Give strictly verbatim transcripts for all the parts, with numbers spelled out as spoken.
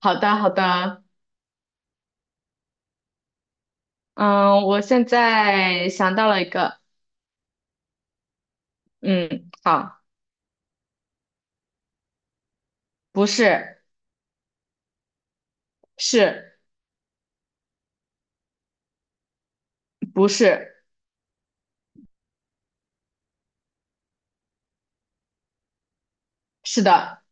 好的，好的。嗯，我现在想到了一个。嗯，好。不是。是。不是。是的。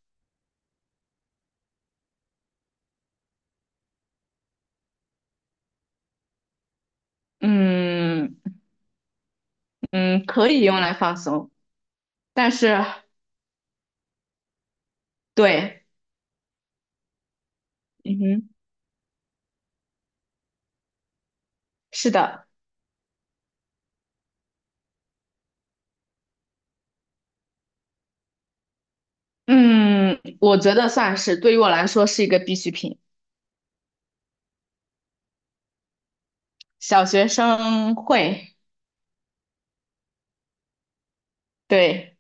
嗯嗯，可以用来放松，但是对。嗯哼，是的。嗯，我觉得算是对于我来说是一个必需品。小学生会。对。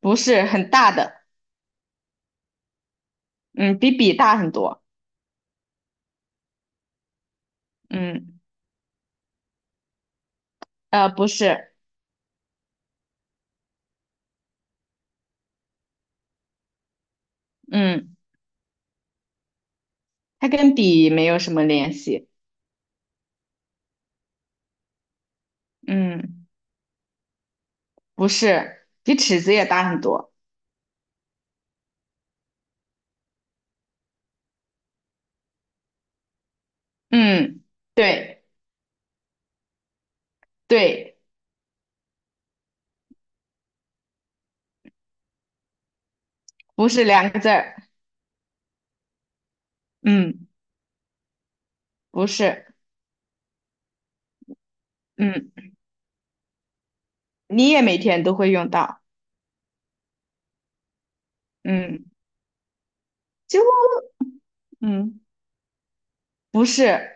不是很大的。嗯，比笔大很多。嗯，呃，不是。嗯，它跟笔没有什么联系。嗯。不是，比尺子也大很多。嗯，对对。不是两个字儿。嗯，不是。嗯，你也每天都会用到。嗯，就嗯，不是，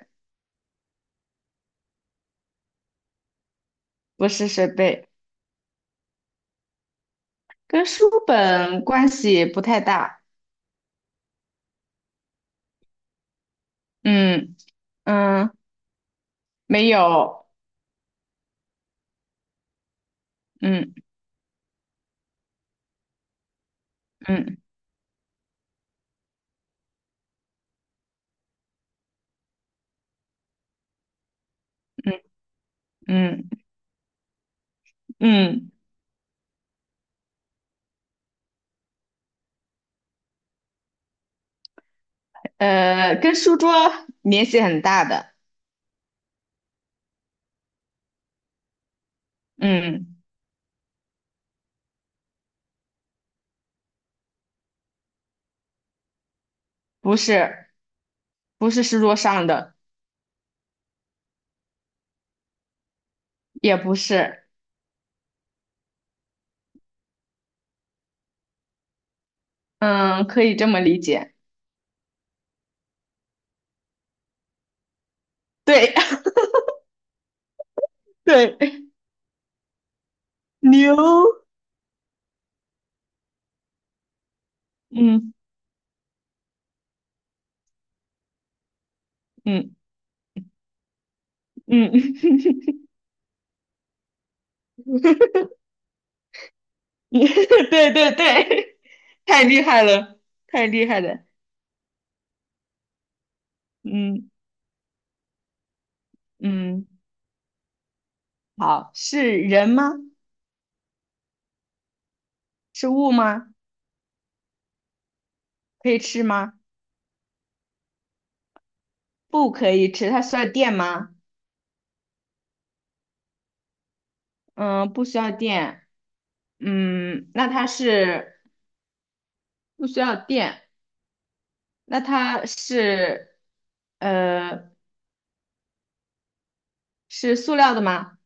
不是设备，跟书本关系不太大。嗯嗯，没有。嗯嗯嗯嗯嗯，呃，跟书桌联系很大的。嗯，不是，不是书桌上的，也不是。嗯，可以这么理解。对 对，牛。嗯嗯嗯，对对对，太厉害了，太厉害了。嗯嗯，好，是人吗？是物吗？可以吃吗？不可以吃，它需要电吗？嗯，不需要电。嗯，那它是不需要电，那它是呃是塑料的吗？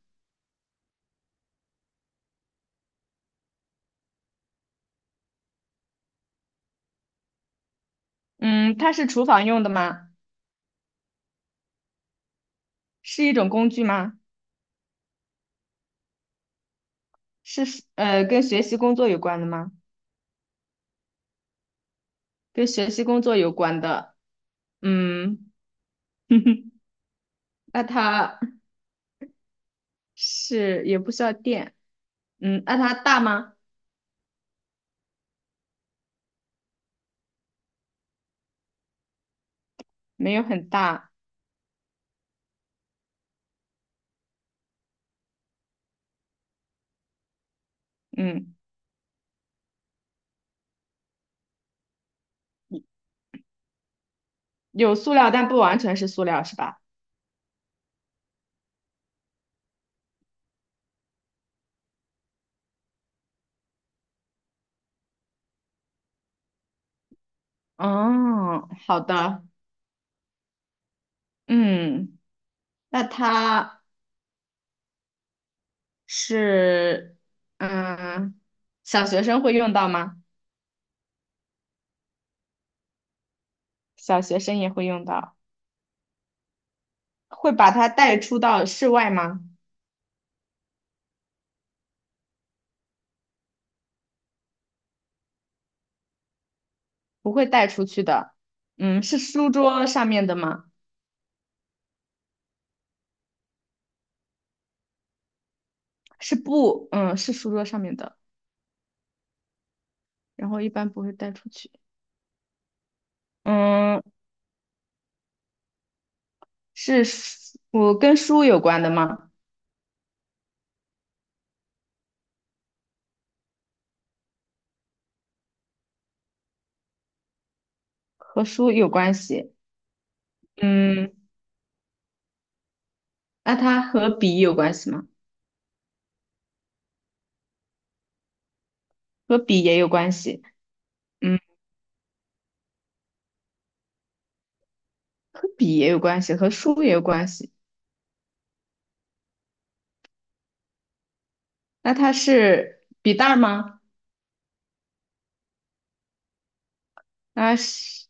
嗯，它是厨房用的吗？是一种工具吗？是呃跟学习工作有关的吗？跟学习工作有关的。嗯，那它是也不需要电。嗯，那它大吗？没有很大。嗯，有塑料，但不完全是塑料，是吧？哦，好的。嗯，那它是，嗯，小学生会用到吗？小学生也会用到。会把它带出到室外吗？不会带出去的。嗯，是书桌上面的吗？是布，嗯，是书桌上面的，然后一般不会带出去。嗯，是书，我跟书有关的吗？和书有关系。嗯，那它和笔有关系吗？和笔也有关系。嗯，和笔也有关系，和书也有关系。那它是笔袋儿吗？那是，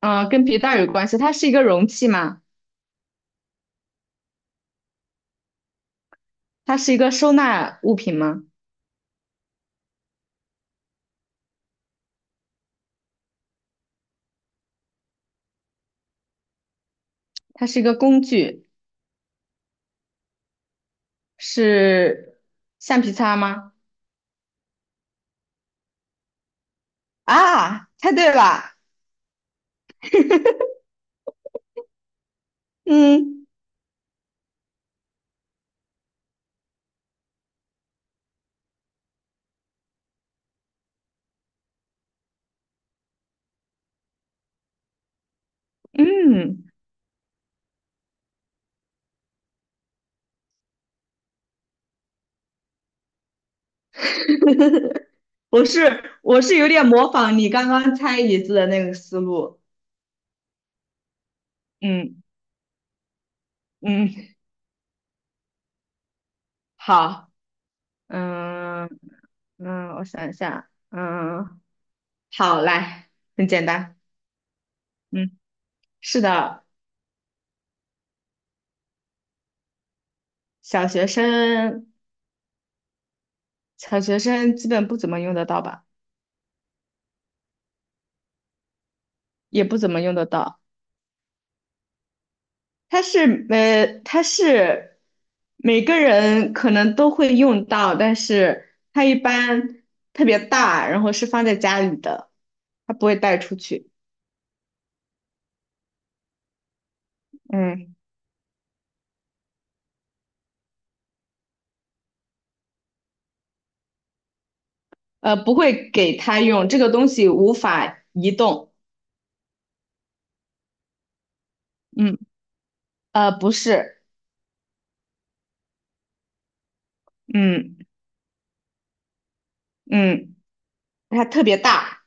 嗯、跟笔袋儿有关系。它是一个容器吗？它是一个收纳物品吗？它是一个工具。是橡皮擦吗？啊，猜对了。嗯嗯，我是我是有点模仿你刚刚猜椅子的那个思路。嗯嗯，好。嗯嗯，我想一下。嗯，好，来，很简单。嗯，是的。小学生，小学生基本不怎么用得到吧，也不怎么用得到。它是呃，它是每个人可能都会用到，但是它一般特别大，然后是放在家里的，它不会带出去。嗯呃，不会给他用，这个东西无法移动。嗯呃，不是。嗯嗯，它特别大。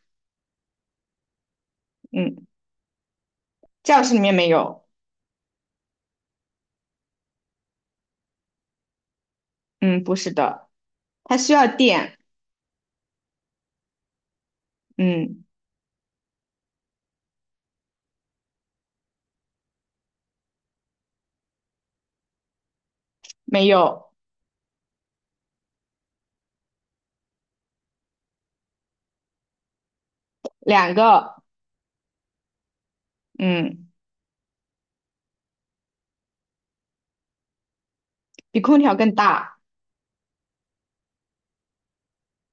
嗯，教室里面没有。嗯，不是的，它需要电。嗯，没有，两个。嗯，比空调更大。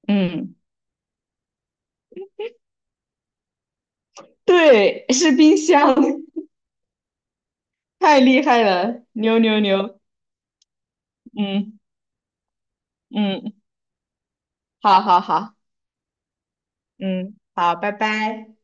嗯。对，是冰箱。太厉害了，牛牛牛。嗯嗯，好好好。嗯，好，拜拜。